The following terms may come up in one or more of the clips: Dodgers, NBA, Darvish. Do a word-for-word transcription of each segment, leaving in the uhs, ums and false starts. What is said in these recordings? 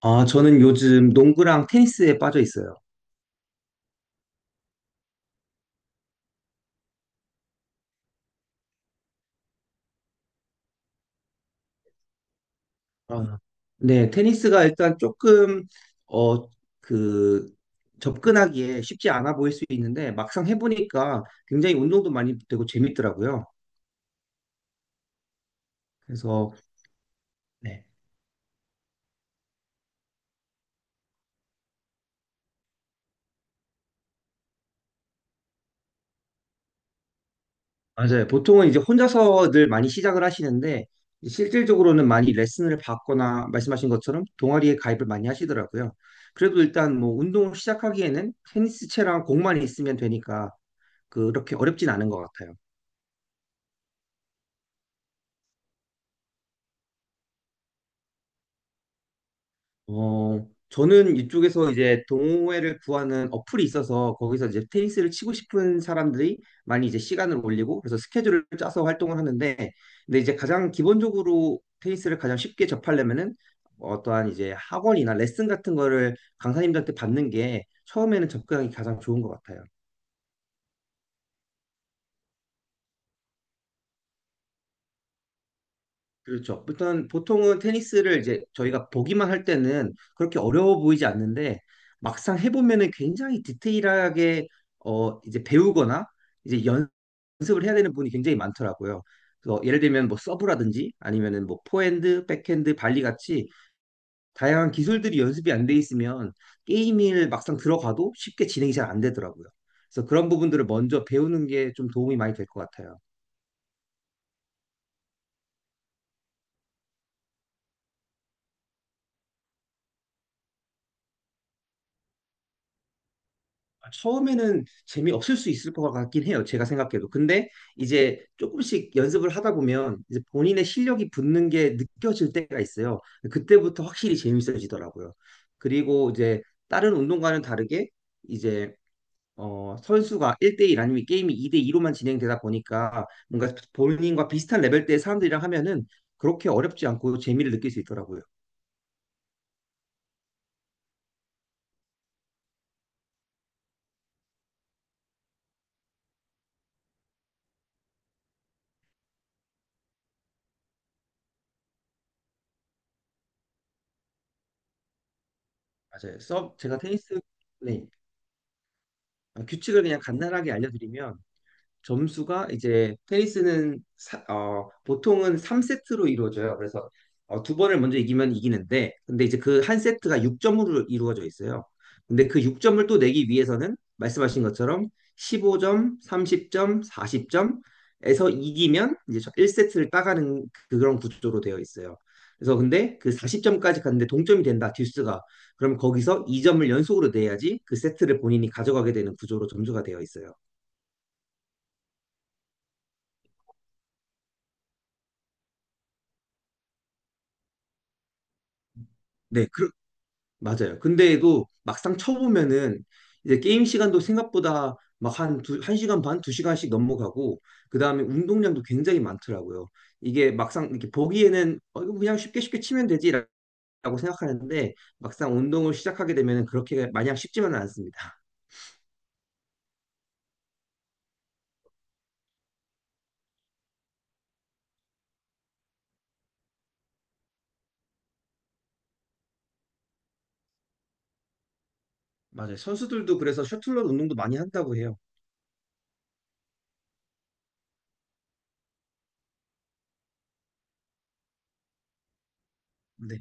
아, 저는 요즘 농구랑 테니스에 빠져 있어요. 아, 네, 테니스가 일단 조금, 어, 그, 접근하기에 쉽지 않아 보일 수 있는데, 막상 해보니까 굉장히 운동도 많이 되고 재밌더라고요. 그래서, 네, 맞아요. 보통은 이제 혼자서 늘 많이 시작을 하시는데, 실질적으로는 많이 레슨을 받거나, 말씀하신 것처럼 동아리에 가입을 많이 하시더라고요. 그래도 일단 뭐, 운동을 시작하기에는 테니스채랑 공만 있으면 되니까, 그렇게 어렵진 않은 것 같아요. 어, 저는 이쪽에서 이제 동호회를 구하는 어플이 있어서 거기서 이제 테니스를 치고 싶은 사람들이 많이 이제 시간을 올리고 그래서 스케줄을 짜서 활동을 하는데 근데 이제 가장 기본적으로 테니스를 가장 쉽게 접하려면은 어떠한 이제 학원이나 레슨 같은 거를 강사님들한테 받는 게 처음에는 접근하기 가장 좋은 것 같아요. 그렇죠. 일단 보통은 테니스를 이제 저희가 보기만 할 때는 그렇게 어려워 보이지 않는데 막상 해보면은 굉장히 디테일하게 어 이제 배우거나 이제 연습을 해야 되는 분이 굉장히 많더라고요. 그래서 예를 들면 뭐 서브라든지 아니면은 뭐 포핸드, 백핸드, 발리 같이 다양한 기술들이 연습이 안 돼 있으면 게임을 막상 들어가도 쉽게 진행이 잘 안 되더라고요. 그래서 그런 부분들을 먼저 배우는 게 좀 도움이 많이 될 것 같아요. 아, 처음에는 재미없을 수 있을 것 같긴 해요. 제가 생각해도. 근데 이제 조금씩 연습을 하다 보면 이제 본인의 실력이 붙는 게 느껴질 때가 있어요. 그때부터 확실히 재밌어지더라고요. 그리고 이제 다른 운동과는 다르게 이제 어, 선수가 일 대일 아니면 게임이 이 대이로만 진행되다 보니까 뭔가 본인과 비슷한 레벨대의 사람들이랑 하면은 그렇게 어렵지 않고 재미를 느낄 수 있더라고요. 맞아요. 서브, 제가 테니스, 네. 규칙을 그냥 간단하게 알려드리면 점수가 이제 테니스는 사- 어, 보통은 삼 세트로 이루어져요. 그래서 어, 두 번을 먼저 이기면 이기는데 근데 이제 그 한 세트가 육 점으로 이루어져 있어요. 근데 그 육 점을 또 내기 위해서는 말씀하신 것처럼 십오 점, 삼십 점, 사십 점에서 이기면 이제 일 세트를 따가는 그런 구조로 되어 있어요. 그래서 근데 그 사십 점까지 갔는데 동점이 된다, 듀스가. 그럼 거기서 이 점을 연속으로 내야지 그 세트를 본인이 가져가게 되는 구조로 점수가 되어 있어요. 네, 맞아요. 근데도 막상 쳐보면은 이제 게임 시간도 생각보다 막 한 두, 한 시간 반, 두 시간씩 넘어가고 그다음에 운동량도 굉장히 많더라고요. 이게 막상 이렇게 보기에는 어, 이거 그냥 쉽게 쉽게 치면 되지라고 생각하는데 막상 운동을 시작하게 되면은 그렇게 마냥 쉽지만은 않습니다. 맞아요. 선수들도 그래서 셔틀러 운동도 많이 한다고 해요. 네.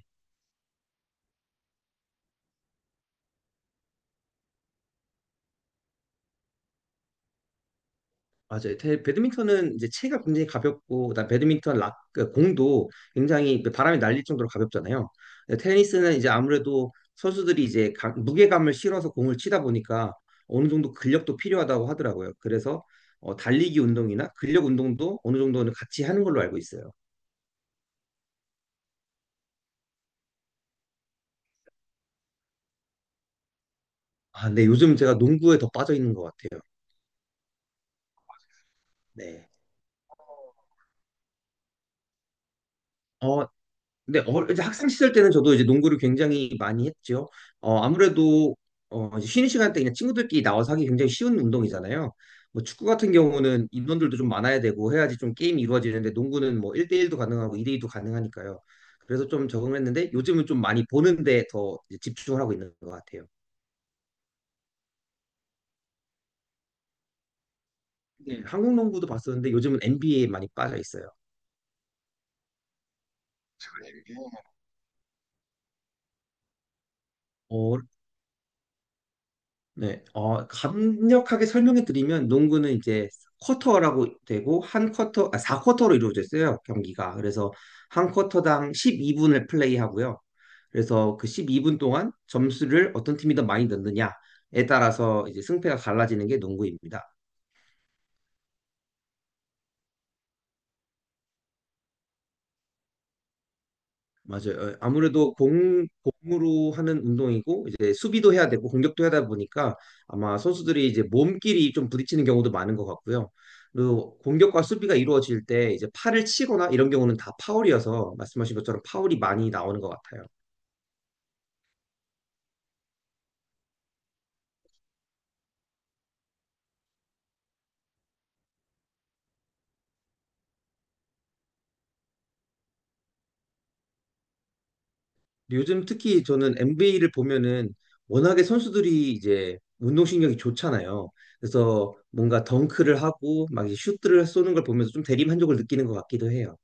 맞아요. 대- 배드민턴은 이제 체가 굉장히 가볍고, 그다음 배드민턴 락, 그 공도 굉장히 그 바람이 날릴 정도로 가볍잖아요. 근데 테니스는 이제 아무래도 선수들이 이제 가- 무게감을 실어서 공을 치다 보니까 어느 정도 근력도 필요하다고 하더라고요. 그래서 어, 달리기 운동이나 근력 운동도 어느 정도는 같이 하는 걸로 알고 있어요. 아, 네. 요즘 제가 농구에 더 빠져 있는 것 같아요. 네. 어, 근데 어, 이제 학생 시절 때는 저도 이제 농구를 굉장히 많이 했죠. 어, 아무래도 어, 이제 쉬는 시간 때 그냥 친구들끼리 나와서 하기 굉장히 쉬운 운동이잖아요. 뭐 축구 같은 경우는 인원들도 좀 많아야 되고 해야지 좀 게임이 이루어지는데 농구는 뭐 일 대일도 가능하고 이 대이도 가능하니까요. 그래서 좀 적응을 했는데 요즘은 좀 많이 보는데 더 이제 집중을 하고 있는 것 같아요. 네, 한국 농구도 봤었는데 요즘은 엔비에이에 많이 빠져 있어요. 네, 어, 간략하게 설명해 드리면 농구는 이제 쿼터라고 되고 한 쿼터, 아, 사 쿼터로 이루어져 있어요, 경기가. 그래서 한 쿼터당 십이 분을 플레이하고요. 그래서 그 십이 분 동안 점수를 어떤 팀이 더 많이 넣느냐에 따라서 이제 승패가 갈라지는 게 농구입니다. 맞아요. 어, 아무래도 공, 공으로 하는 운동이고, 이제 수비도 해야 되고, 공격도 하다 보니까 아마 선수들이 이제 몸끼리 좀 부딪히는 경우도 많은 것 같고요. 그리고 공격과 수비가 이루어질 때 이제 팔을 치거나 이런 경우는 다 파울이어서 말씀하신 것처럼 파울이 많이 나오는 것 같아요. 근데 요즘 특히 저는 엔비에이를 보면은 워낙에 선수들이 이제 운동신경이 좋잖아요. 그래서 뭔가 덩크를 하고 막 이제 슛들을 쏘는 걸 보면서 좀 대리만족을 느끼는 것 같기도 해요.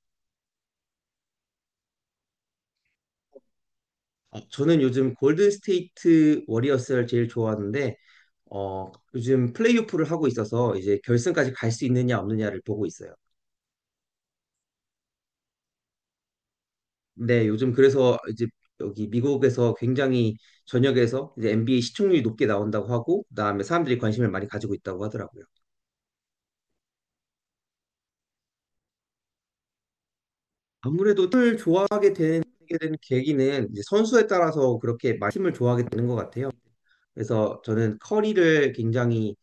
어, 저는 요즘 골든 스테이트 워리어스를 제일 좋아하는데 어, 요즘 플레이오프를 하고 있어서 이제 결승까지 갈 수 있느냐 없느냐를 보고 있어요. 네, 요즘 그래서 이제 여기 미국에서 굉장히 전역에서 이제 엔비에이 시청률이 높게 나온다고 하고 그다음에 사람들이 관심을 많이 가지고 있다고 하더라고요. 아무래도 팀을 좋아하게 되는 되 계기는 이제 선수에 따라서 그렇게 많이 팀을 좋아하게 되는 것 같아요. 그래서 저는 커리를 굉장히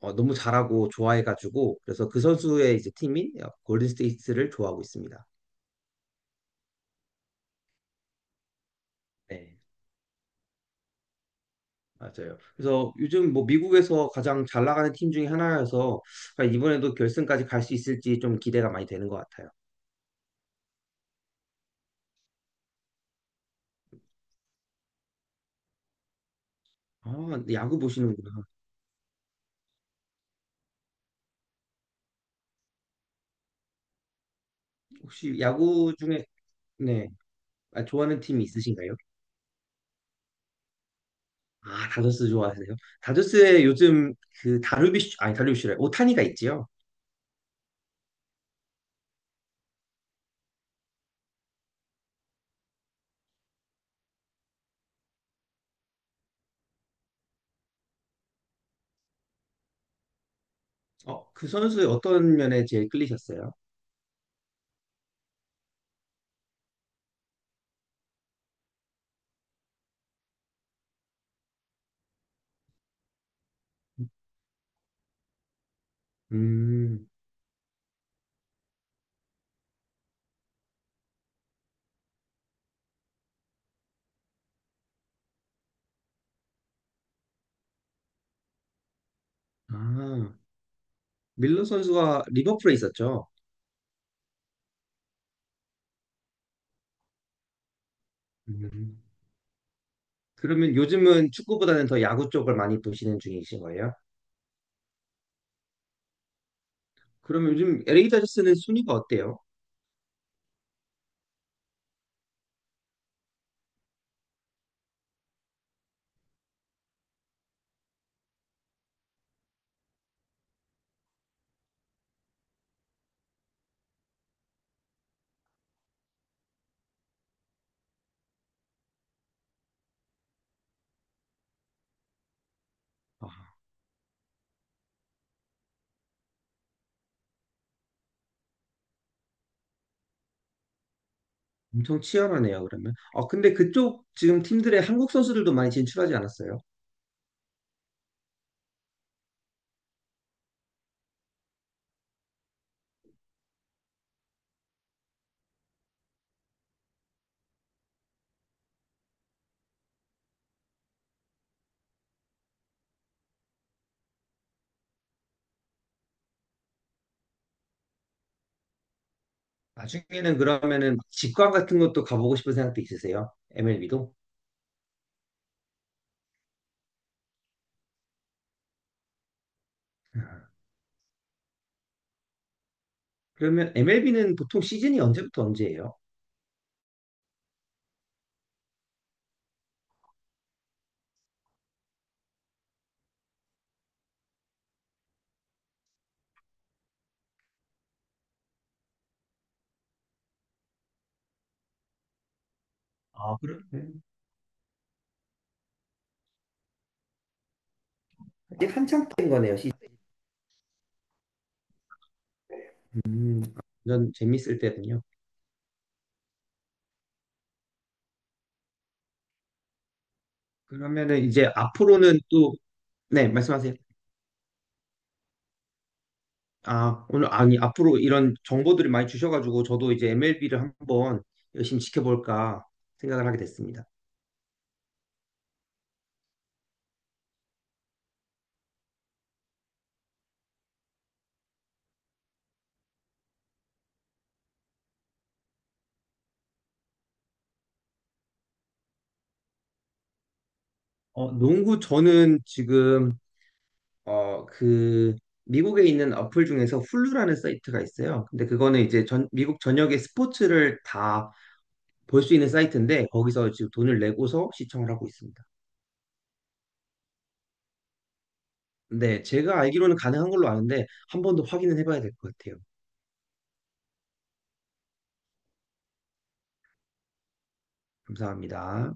어, 너무 잘하고 좋아해가지고 그래서 그 선수의 이제 팀인 골든 스테이트를 좋아하고 있습니다. 네, 맞아요. 그래서 요즘 뭐 미국에서 가장 잘 나가는 팀 중에 하나여서 이번에도 결승까지 갈 수 있을지 좀 기대가 많이 되는 것 같아요. 아, 근데 야구 보시는구나. 혹시 야구 중에 네, 아, 좋아하는 팀이 있으신가요? 아, 다저스 좋아하세요? 다저스에 요즘 그 다루비쉬 아니 다루비쉬래 오타니가 있지요. 어, 그 선수의 어떤 면에 제일 끌리셨어요? 음, 아. 밀러 선수가 리버풀에 있었죠. 음. 그러면 요즘은 축구보다는 더 야구 쪽을 많이 보시는 중이신 거예요? 그러면 요즘 엘에이 다저스는 순위가 어때요? 아, 엄청 치열하네요, 그러면. 아, 근데 그쪽 지금 팀들의 한국 선수들도 많이 진출하지 않았어요? 나중에는 그러면은 직관 같은 것도 가보고 싶은 생각도 있으세요? 엠엘비도? 그러면 엠엘비는 보통 시즌이 언제부터 언제예요? 아, 그럼 음, 아직 한창 때인 거네요, 시즌. 음, 완전 재밌을 때군요. 그러면은 이제 앞으로는 또, 네, 말씀하세요. 아, 오늘, 아니, 앞으로 이런 정보들을 많이 주셔가지고, 저도 이제 엠엘비를 한번 열심히 지켜볼까 생각을 하게 됐습니다. 어, 농구, 저는 지금, 어, 그, 미국에 있는 어플 중에서 훌루라는 사이트가 있어요. 근데 그거는 이제 전, 미국 전역의 스포츠를 다 볼 수 있는 사이트인데, 거기서 지금 돈을 내고서 시청을 하고 있습니다. 네, 제가 알기로는 가능한 걸로 아는데, 한 번 더 확인을 해봐야 될 것 같아요. 감사합니다.